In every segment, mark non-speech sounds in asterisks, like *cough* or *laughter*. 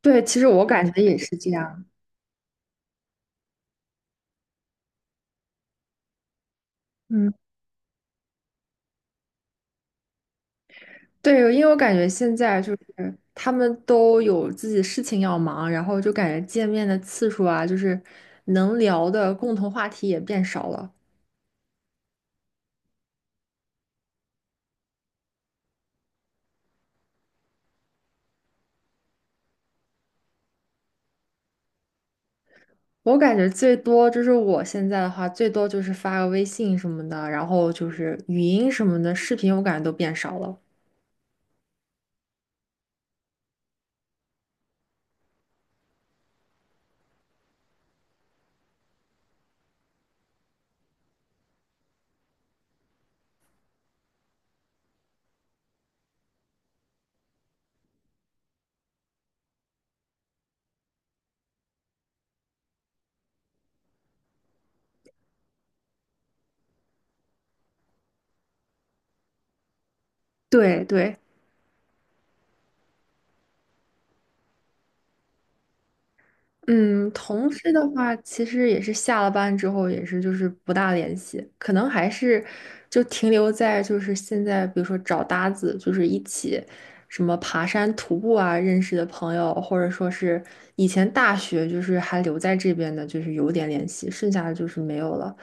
对，其实我感觉也是这样。嗯，对，因为我感觉现在就是他们都有自己的事情要忙，然后就感觉见面的次数啊，就是能聊的共同话题也变少了。我感觉最多就是我现在的话，最多就是发个微信什么的，然后就是语音什么的，视频我感觉都变少了。对对。嗯，同事的话，其实也是下了班之后，也是就是不大联系，可能还是就停留在就是现在，比如说找搭子，就是一起什么爬山、徒步啊认识的朋友，或者说是以前大学就是还留在这边的，就是有点联系，剩下的就是没有了。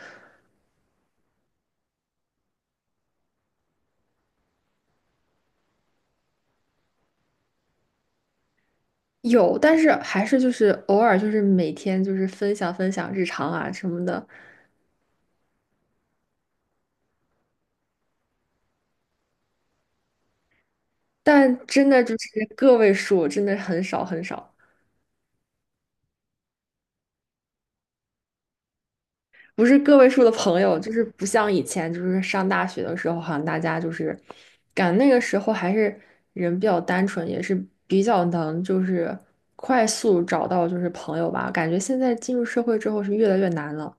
有，但是还是就是偶尔就是每天就是分享分享日常啊什么的，但真的就是个位数，真的很少很少。不是个位数的朋友，就是不像以前，就是上大学的时候，好像大家就是，感觉那个时候还是人比较单纯，也是比较能就是快速找到就是朋友吧。感觉现在进入社会之后是越来越难了，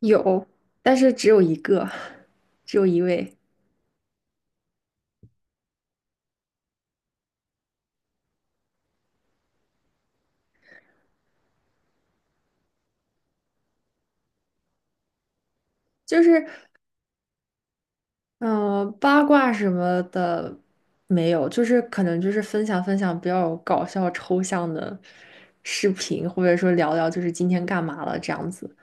有，但是只有一个，只有一位，就是八卦什么的没有，就是可能就是分享分享比较搞笑抽象的视频，或者说聊聊就是今天干嘛了这样子。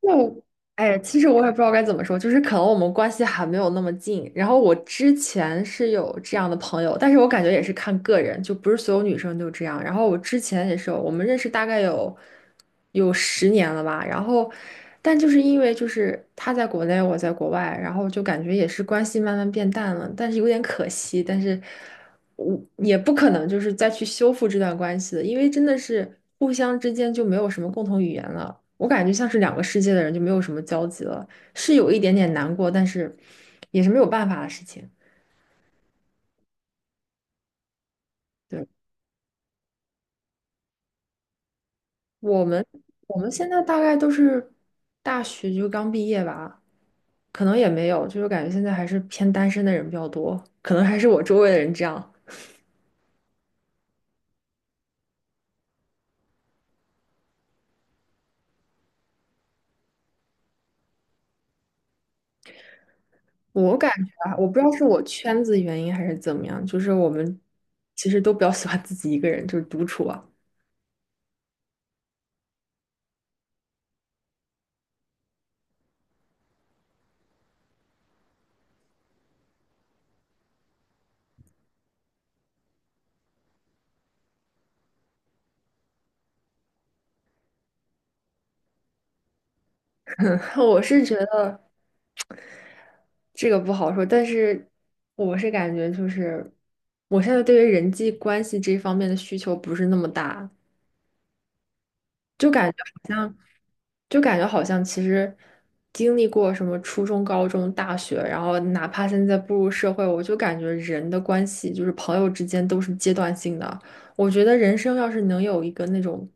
就，哎，其实我也不知道该怎么说，就是可能我们关系还没有那么近。然后我之前是有这样的朋友，但是我感觉也是看个人，就不是所有女生都这样。然后我之前也是有，我们认识大概有10年了吧。然后，但就是因为就是他在国内，我在国外，然后就感觉也是关系慢慢变淡了，但是有点可惜。但是我也不可能就是再去修复这段关系的，因为真的是互相之间就没有什么共同语言了。我感觉像是两个世界的人就没有什么交集了，是有一点点难过，但是也是没有办法的事情。对，我们，我们现在大概都是大学就刚毕业吧，可能也没有，就是感觉现在还是偏单身的人比较多，可能还是我周围的人这样。我感觉啊，我不知道是我圈子原因还是怎么样，就是我们其实都比较喜欢自己一个人，就是独处啊。*laughs* 我是觉得。这个不好说，但是我是感觉就是，我现在对于人际关系这方面的需求不是那么大，就感觉好像，就感觉好像其实经历过什么初中、高中、大学，然后哪怕现在步入社会，我就感觉人的关系就是朋友之间都是阶段性的。我觉得人生要是能有一个那种，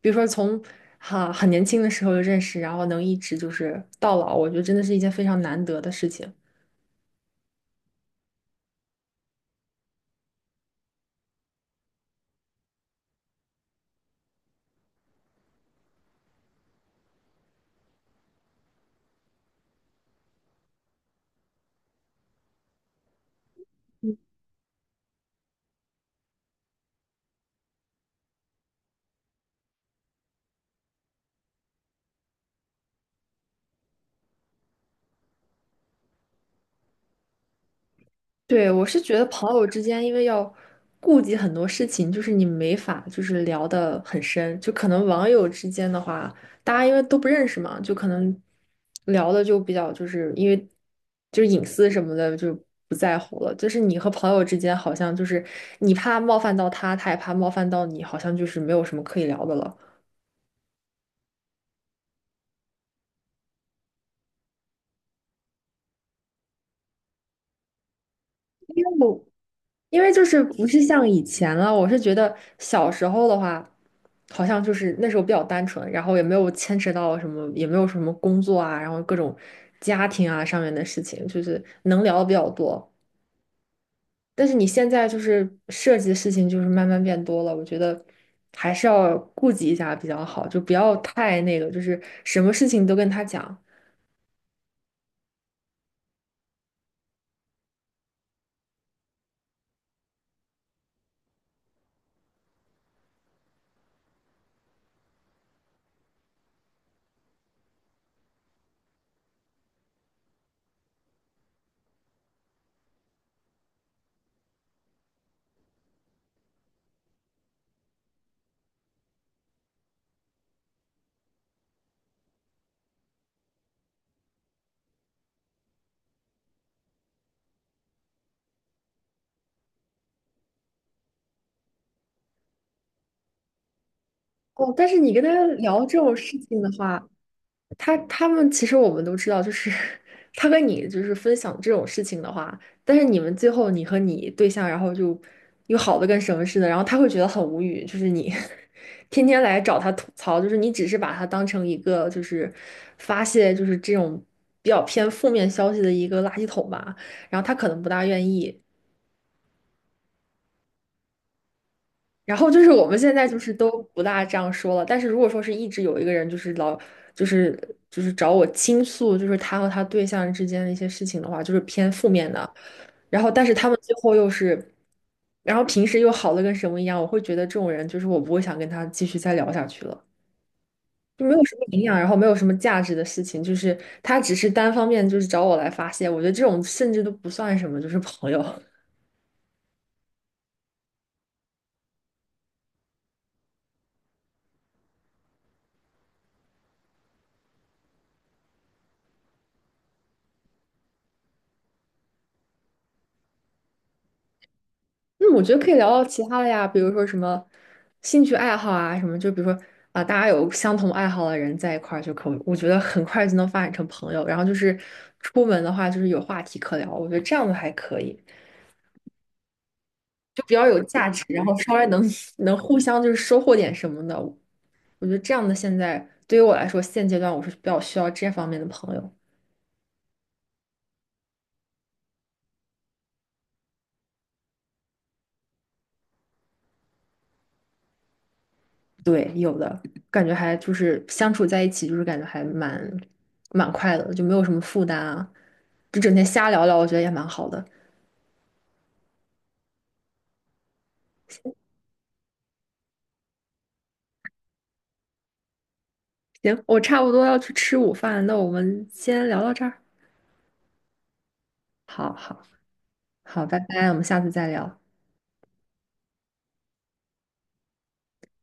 比如说从很年轻的时候就认识，然后能一直就是到老，我觉得真的是一件非常难得的事情。对，我是觉得朋友之间，因为要顾及很多事情，就是你没法就是聊得很深，就可能网友之间的话，大家因为都不认识嘛，就可能聊的就比较就是因为就是隐私什么的就不在乎了。就是你和朋友之间，好像就是你怕冒犯到他，他也怕冒犯到你，好像就是没有什么可以聊的了。因为我因为就是不是像以前了，我是觉得小时候的话，好像就是那时候比较单纯，然后也没有牵扯到什么，也没有什么工作啊，然后各种家庭啊上面的事情，就是能聊的比较多。但是你现在就是涉及的事情就是慢慢变多了，我觉得还是要顾及一下比较好，就不要太那个，就是什么事情都跟他讲。哦，但是你跟他聊这种事情的话，他们其实我们都知道，就是 *laughs* 他跟你就是分享这种事情的话，但是你们最后你和你对象，然后就又好的跟什么似的，然后他会觉得很无语，就是你 *laughs* 天天来找他吐槽，就是你只是把他当成一个就是发泄就是这种比较偏负面消息的一个垃圾桶吧，然后他可能不大愿意，然后就是我们现在就是都不大这样说了，但是如果说是一直有一个人就是老就是就是找我倾诉，就是他和他对象之间的一些事情的话，就是偏负面的。然后但是他们最后又是，然后平时又好的跟什么一样，我会觉得这种人就是我不会想跟他继续再聊下去了，就没有什么营养，然后没有什么价值的事情，就是他只是单方面就是找我来发泄，我觉得这种甚至都不算什么，就是朋友。那我觉得可以聊聊其他的呀，比如说什么兴趣爱好啊，什么就比如说啊，大家有相同爱好的人在一块儿就可以，我觉得很快就能发展成朋友。然后就是出门的话，就是有话题可聊，我觉得这样的还可以，就比较有价值，然后稍微能 *laughs* 能互相就是收获点什么的。我觉得这样的现在对于我来说，现阶段我是比较需要这方面的朋友。对，有的，感觉还就是相处在一起，就是感觉还蛮快乐的，就没有什么负担啊，就整天瞎聊聊，我觉得也蛮好的。行，我差不多要去吃午饭，那我们先聊到这儿。好好好，拜拜，我们下次再聊。